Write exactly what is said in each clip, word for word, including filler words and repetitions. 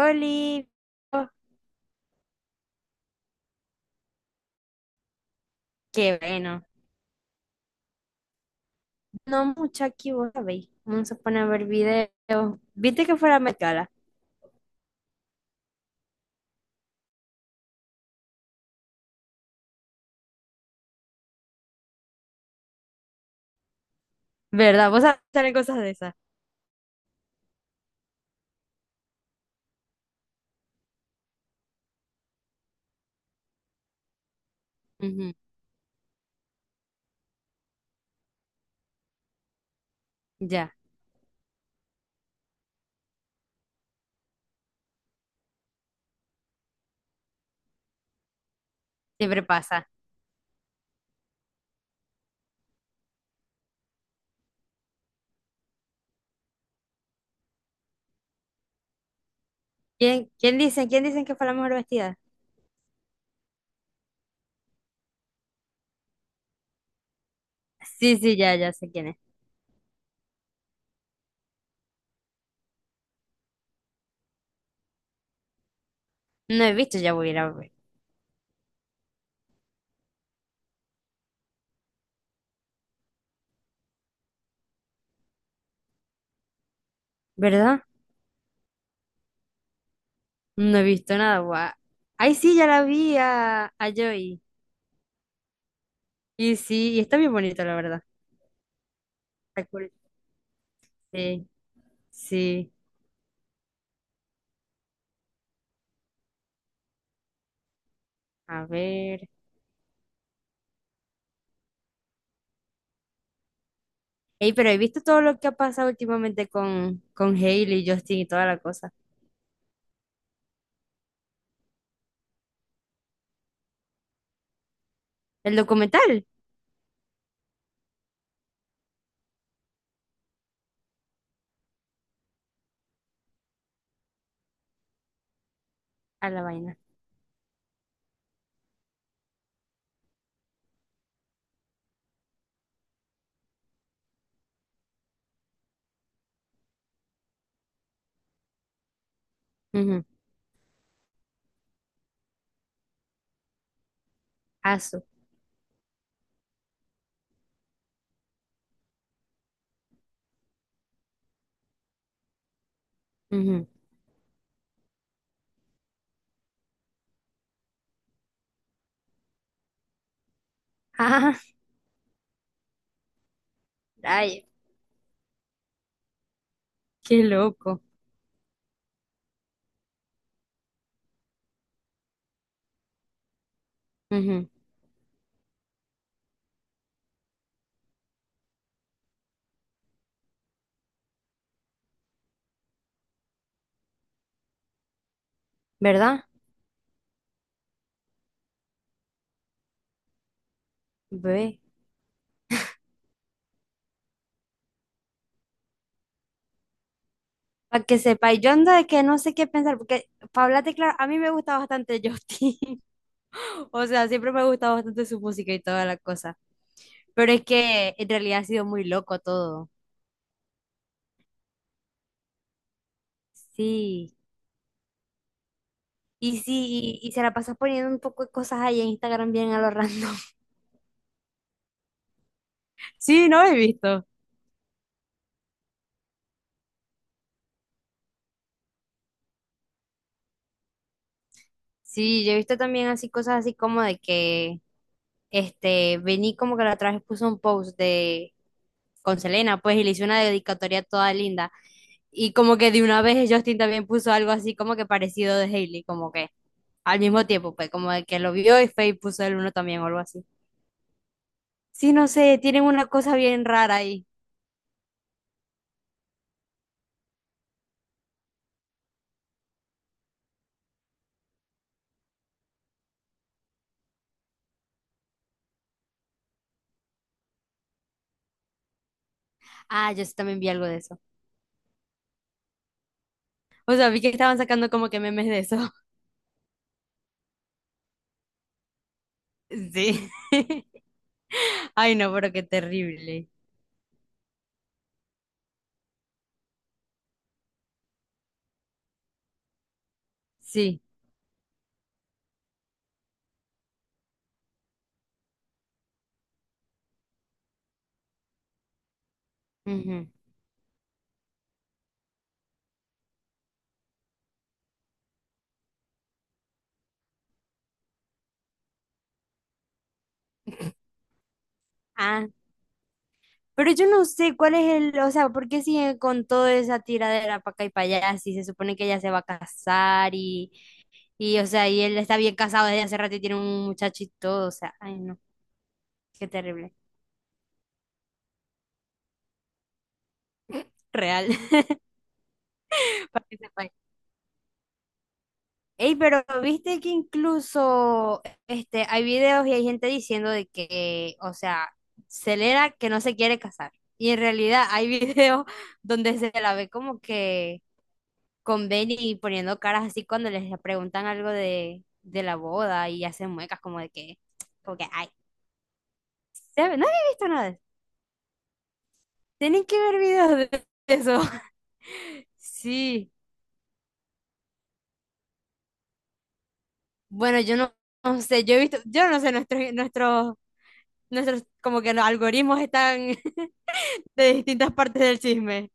Oli, qué bueno. No mucho aquí, vos sabéis. Vamos a poner a ver videos. Viste que fuera Met Gala, ¿verdad? Vos sabés que salen cosas de esas. Ujú. Ya, siempre pasa. ¿Quién, quién dicen, quién dicen que fue la mejor vestida? Sí, sí, ya, ya sé quién es. No he visto, ya voy a ir a ver. ¿Verdad? No he visto nada, guau. Ay, sí, ya la vi a, a Joy. Y sí, y está bien bonito, la verdad. Está cool. Sí, sí. A ver. Ey, pero he visto todo lo que ha pasado últimamente con, con Hailey, Justin y toda la cosa. El documental, a la vaina. Ujú. Asu. Ujú. Ah, ay, qué loco. Ujú. ¿Verdad? Ve. Para que sepa, y yo ando de que no sé qué pensar, porque para hablarte claro, a mí me gusta bastante Justin. O sea, siempre me ha gustado bastante su música y toda la cosa. Pero es que en realidad ha sido muy loco todo. Sí. Y sí, y, y se la pasa poniendo un poco de cosas ahí en Instagram bien a lo random. Sí, no he visto. Sí, yo he visto también así cosas así como de que, este, Vení como que la otra vez puso un post de, con Selena, pues, y le hizo una dedicatoria toda linda. Y como que de una vez Justin también puso algo así como que parecido de Hailey, como que al mismo tiempo, pues, como de que lo vio y Faye puso el uno también o algo así. Sí, no sé, tienen una cosa bien rara ahí. Ah, yo sí también vi algo de eso. O sea, vi que estaban sacando como que memes de eso. Sí. Ay, no, pero qué terrible. Sí. Ujú. Ah, pero yo no sé cuál es el, o sea, ¿por qué sigue con toda esa tiradera para acá y para allá? Si se supone que ella se va a casar y, y, o sea, y él está bien casado desde hace rato y tiene un muchacho y todo, o sea, ay no, qué terrible, real, para que sepa. Ey, pero viste que incluso, este, hay videos y hay gente diciendo de que, o sea, Celera que no se quiere casar. Y en realidad hay videos donde se la ve como que con Benny poniendo caras así cuando les preguntan algo de, de la boda y hacen muecas como de que, como que, ay, ¿sabe? No había visto nada. Tienen que ver videos de eso. Sí. Bueno, yo no, no sé, yo he visto, yo no sé, nuestros, nuestros, nuestros, como que los algoritmos están de distintas partes del chisme.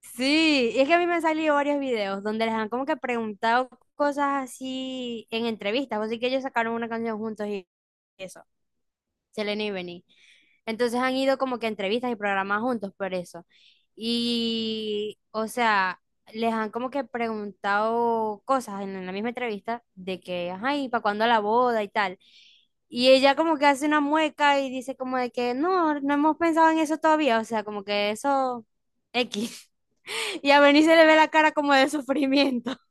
Sí, y es que a mí me han salido varios videos donde les han como que preguntado cosas así en entrevistas, así que ellos sacaron una canción juntos y eso. Selena y Benny. Entonces han ido como que a entrevistas y programas juntos por eso. Y, o sea, les han como que preguntado cosas en la misma entrevista de que, ay, ¿para cuándo la boda y tal? Y ella como que hace una mueca y dice como de que no, no hemos pensado en eso todavía, o sea, como que eso X. Y a Benny se le ve la cara como de sufrimiento.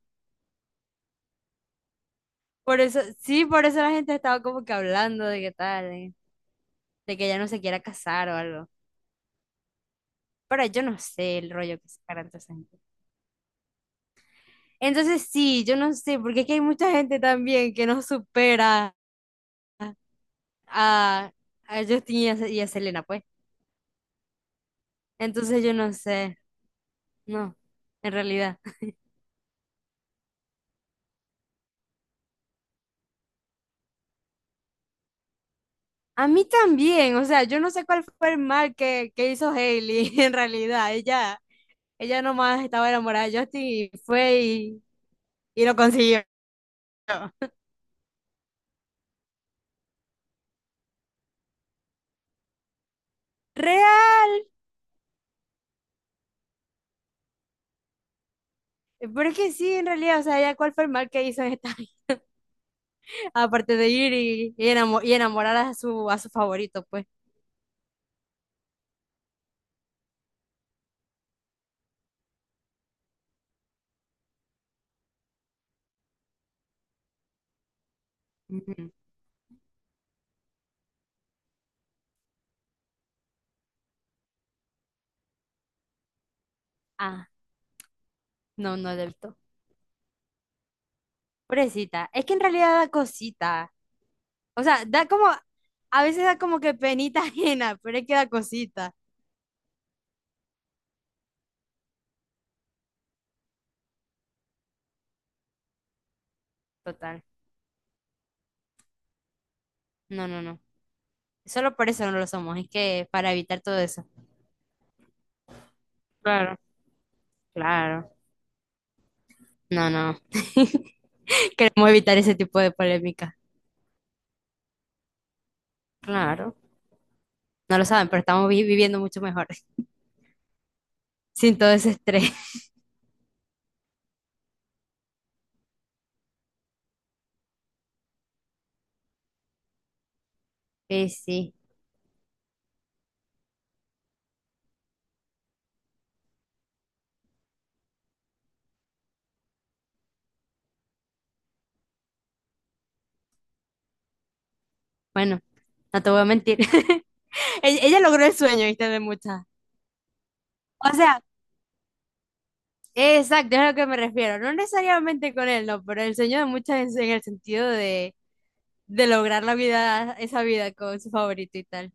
Por eso, sí, por eso la gente estaba como que hablando de que tal, eh, de que ella no se quiera casar o algo. Pero yo no sé el rollo que sacarán toda esa gente. Entonces sí, yo no sé, porque aquí hay mucha gente también que no supera a, a Justin y a, Se- y a Selena, pues. Entonces yo no sé, no, en realidad. A mí también, o sea, yo no sé cuál fue el mal que, que hizo Hailey, en realidad. Ella, ella nomás estaba enamorada de Justin y fue y, y lo consiguió. Real, pero es que sí, en realidad, o sea, ella cuál fue el mal que hizo en esta Aparte de ir y, y enamo- y enamorar a su, a su favorito, pues. Ujú. Ah, no, no acepto. Pobrecita. Es que en realidad da cosita. O sea, da como, a veces da como que penita ajena, pero es que da cosita. Total. No, no, no. Solo por eso no lo somos. Es que para evitar todo eso. Claro, claro. No, no. Queremos evitar ese tipo de polémica. Claro. No lo saben, pero estamos vi- viviendo mucho mejor. Sin todo ese estrés. Sí, sí. Bueno, no te voy a mentir. Ella, ella logró el sueño, ¿viste? De muchas. O sea, exacto, es a lo que me refiero. No necesariamente con él, no, pero el sueño de muchas en, en el sentido de, de lograr la vida, esa vida con su favorito y tal.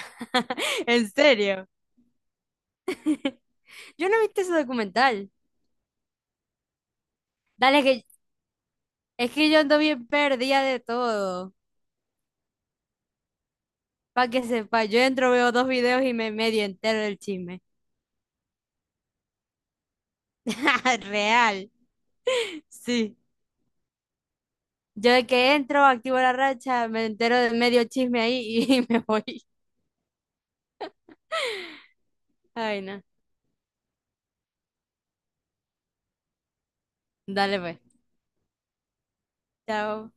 En serio. Yo no he visto ese documental. Dale, que es que yo ando bien perdida de todo. Pa' que sepa, yo entro, veo dos videos y me medio entero del chisme. Real. Sí. Yo de que entro, activo la racha, me entero de medio chisme ahí y me voy. Ay, no. Dale, pues. Chao.